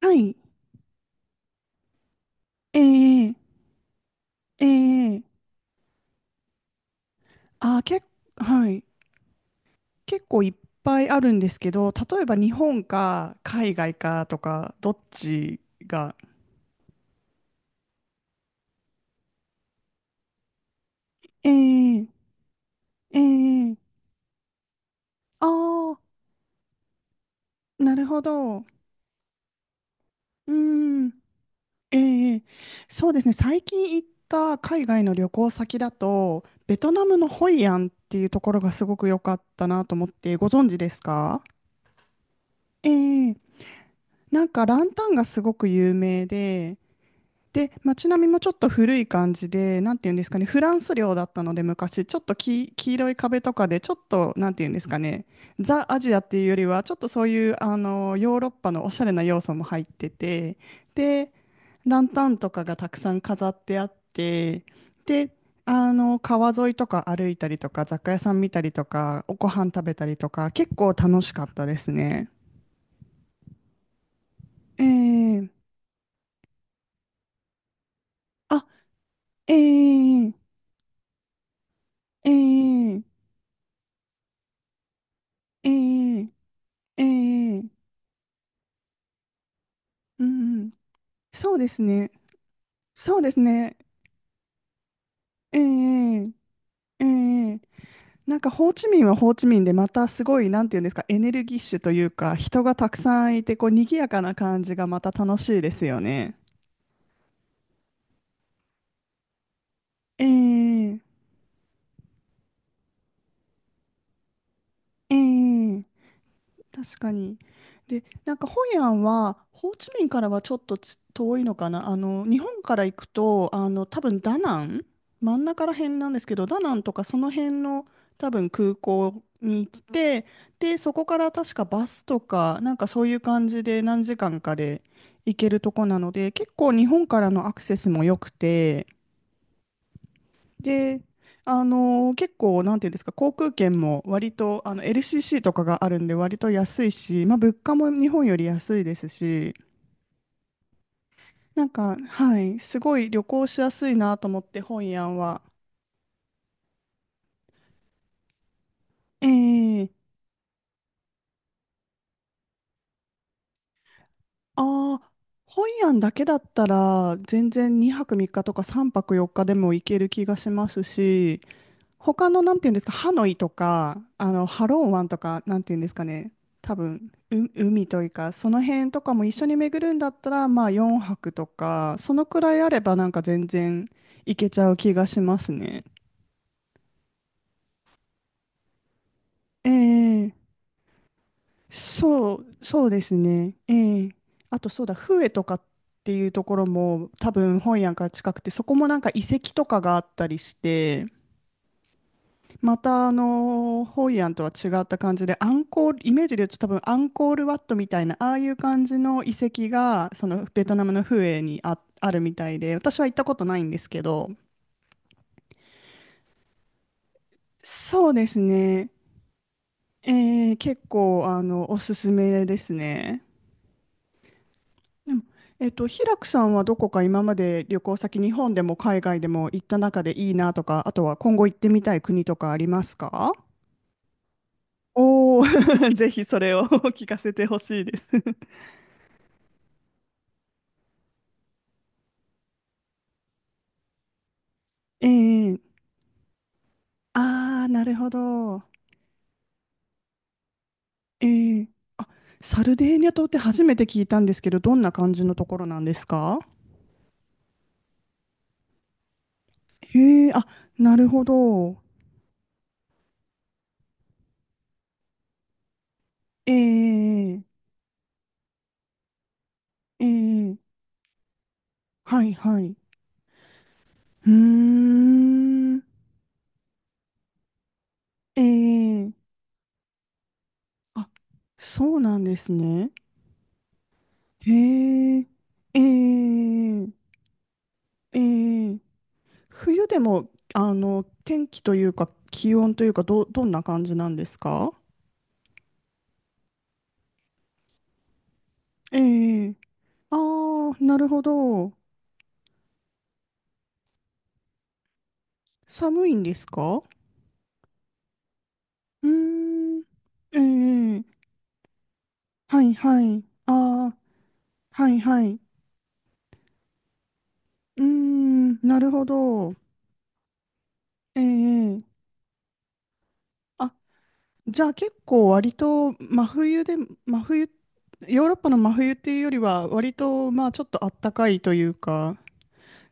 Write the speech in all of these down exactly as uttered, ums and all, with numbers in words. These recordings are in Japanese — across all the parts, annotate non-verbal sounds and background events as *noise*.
はい。ええええ、あー、結構、はい。結構いっぱいあるんですけど、例えば日本か海外かとか、どっちが。ええええ、ああー、なるほど。うん。ええ、そうですね。最近行った海外の旅行先だと、ベトナムのホイアンっていうところがすごく良かったなと思って、ご存知ですか？ええ、なんかランタンがすごく有名で、で、街並みもちょっと古い感じで、なんていうんですかね、フランス領だったので、昔、ちょっとき黄色い壁とかで、ちょっと、なんていうんですかね、ザ・アジアっていうよりは、ちょっとそういうあのヨーロッパのおしゃれな要素も入ってて、で、ランタンとかがたくさん飾ってあって、で、あの川沿いとか歩いたりとか、雑貨屋さん見たりとか、おご飯食べたりとか、結構楽しかったですね。えー、あ、えー、えー、えー、ええ、ええ、うんうん。そうですね。そうですね。ええええええなんかホーチミンはホーチミンでまたすごい、なんていうんですか、エネルギッシュというか、人がたくさんいて、こう、賑やかな感じがまた楽しいですよね。ええええええ、確かに。で、なんかホイアンは、ホーチミンからはちょっとつ遠いのかな。あの、日本から行くと、あの、多分ダナン、真ん中ら辺なんですけど、ダナンとかその辺の多分空港に来て、で、そこから確かバスとか、なんかそういう感じで何時間かで行けるとこなので、結構日本からのアクセスも良くて、で、あのー結構、なんていうんですか、航空券も割とあの エルシーシー とかがあるんで、割と安いし、まあ、物価も日本より安いですし、なんか、はい、すごい旅行しやすいなと思って、ホイアンは。ええ、ああ、ホイアンだけだったら、全然にはくみっかとかさんぱくよっかでも行ける気がしますし、他の、なんていうんですか、ハノイとか、あの、ハロン湾とか、なんていうんですかね、多分、う、海というか、その辺とかも一緒に巡るんだったら、まあ、四泊とか、そのくらいあれば、なんか全然行けちゃう気がしますね。ええ、そう、そうですね。ええ、あと、そうだ、フエとかっていうところも、多分、本屋が近くて、そこもなんか遺跡とかがあったりして、またあのホイアンとは違った感じでアンコール、イメージで言うと多分アンコールワットみたいなああいう感じの遺跡がそのベトナムのフエにあ、あるみたいで私は行ったことないんですけど、そうですね、えー結構あのおすすめですね。でも、えっと、平久さんはどこか今まで旅行先日本でも海外でも行った中でいいなとか、あとは今後行ってみたい国とかありますか？おおー、*laughs* ぜひそれを *laughs* 聞かせてほしいです。ええ、ああー、なるほど。ええ、あ、サルデーニャ島って初めて聞いたんですけど、どんな感じのところなんですか？へえ、あ、なるほど。ええ、ええ、はいはい。うーん、ええ、あ、そうなんですね。へえ、ええ、ええ、冬でも、あの、天気というか、気温というか、ど、どんな感じなんですか？ええ、ああ、なるほど。寒いんですか？うーん。ええ、はいはい。ああ、はいはい。うーん、なるほど。ええ、あ、じゃあ結構割と真冬で、真冬、ヨーロッパの真冬っていうよりは割とまあちょっとあったかいというか、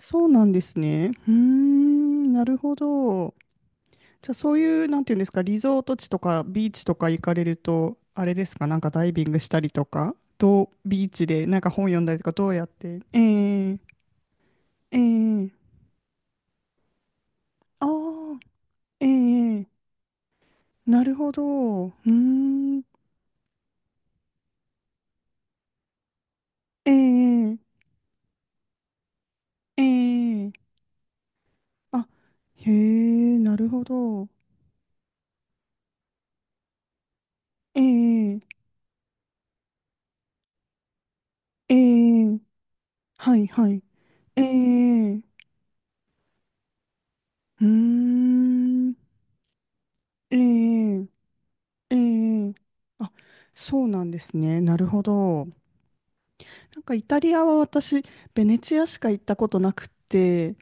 そうなんですね。うーん、なるほど。じゃあそういう、なんていうんですか、リゾート地とかビーチとか行かれると、あれですか、なんかダイビングしたりとか、どう、ビーチでなんか本読んだりとか、どうやって、ええ、ええ、ああー、ええ、なるほど、うーん、ええ、ええ、あ、へえ、なるほど、ええ、ええ、はいはい、ええ、うーん、ええ、ええ、あ、そうなんですね、なるほど。なんかイタリアは私、ベネチアしか行ったことなくて、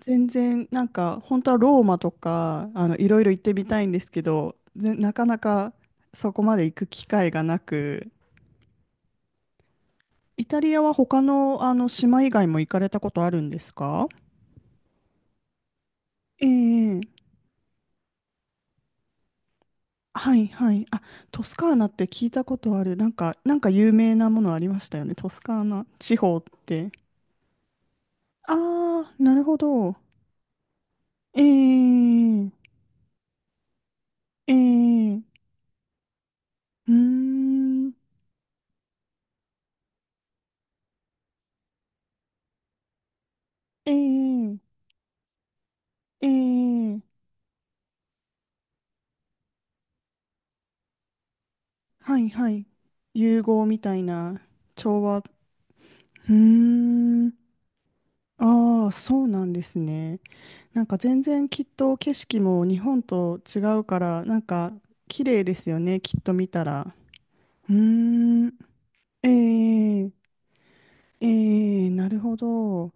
全然なんか本当はローマとかあのいろいろ行ってみたいんですけど、ぜなかなかそこまで行く機会がなく、イタリアは他の、あの島以外も行かれたことあるんですか？ええ、はいはい。あ、トスカーナって聞いたことある。なんか、なんか有名なものありましたよね、トスカーナ地方って。ああ、なるほど。ええ、ええ。うーん。ええええ、はいはい。融合みたいな、調和。うーん。ああ、そうなんですね。なんか全然きっと景色も日本と違うから、なんか綺麗ですよね、きっと見たら。うーん。ええええ、なるほど。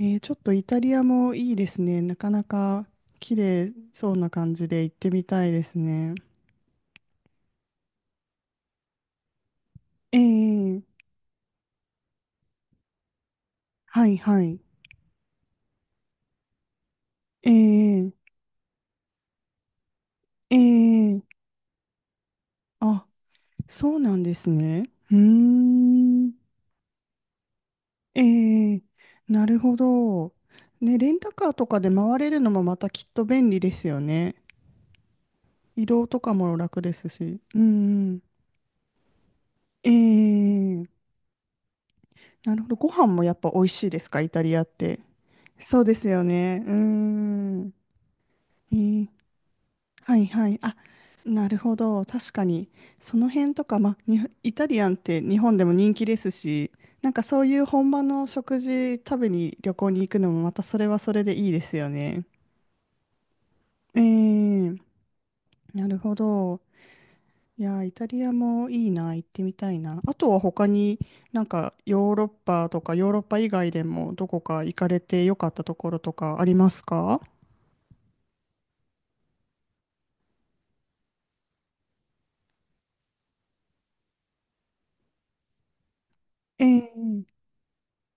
えー、ちょっとイタリアもいいですね。なかなか綺麗そうな感じで行ってみたいですね。ええ、はいはい。ええ、ええ、あ、そうなんですね。うーん、ええ、なるほど。ね、レンタカーとかで回れるのもまたきっと便利ですよね。移動とかも楽ですし。うん、ええ、なるほど。ご飯もやっぱ美味しいですか、イタリアって。そうですよね。うーん、ええ、はいはい。あ、なるほど。確かに。その辺とか、まあ、にイタリアンって日本でも人気ですし、なんかそういう本場の食事食べに旅行に行くのもまたそれはそれでいいですよね。ええ、なるほど。いや、イタリアもいいな、行ってみたいな。あとは他になんかヨーロッパとかヨーロッパ以外でもどこか行かれてよかったところとかありますか？ええ、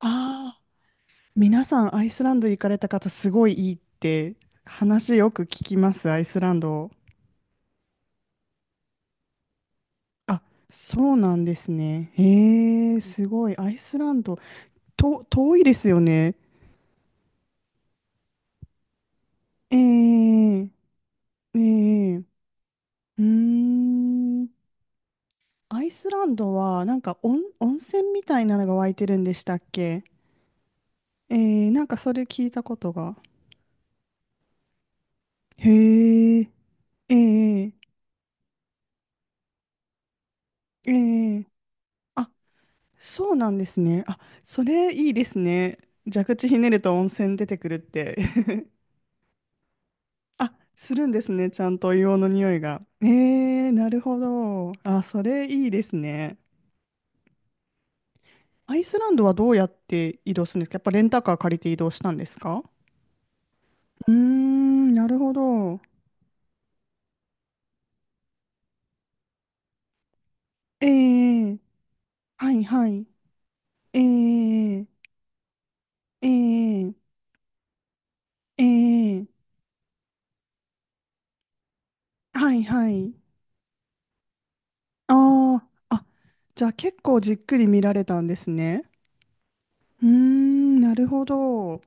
あ、皆さん、アイスランド行かれた方、すごいいいって話よく聞きます、アイスランド。あ、そうなんですね。へえ、すごい。アイスランド、と、遠いですよね。ええ、ええ、うーん。アイスランドは、なんか温、温泉みたいなのが湧いてるんでしたっけ？ええ、なんかそれ聞いたことが。へえ、ええ、ええ、そうなんですね。あ、それいいですね。蛇口ひねると温泉出てくるって *laughs* あ、するんですね。ちゃんと硫黄の匂いが。えー、なるほど。あ、それいいですね。アイスランドはどうやって移動するんですか？やっぱレンタカー借りて移動したんですか？うーん、なるほど。えー、はいはい。えー、えー、えー、はいはい。あーあ、じゃあ結構じっくり見られたんですね。うーん、なるほど。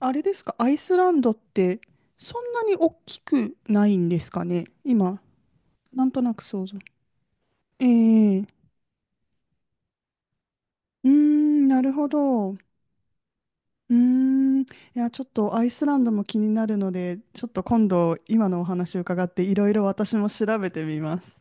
あれですか、アイスランドってそんなに大きくないんですかね。今、なんとなく想像。ええ、うーん、なるほど。うーん、いや、ちょっとアイスランドも気になるので、ちょっと今度、今のお話を伺って、いろいろ私も調べてみます。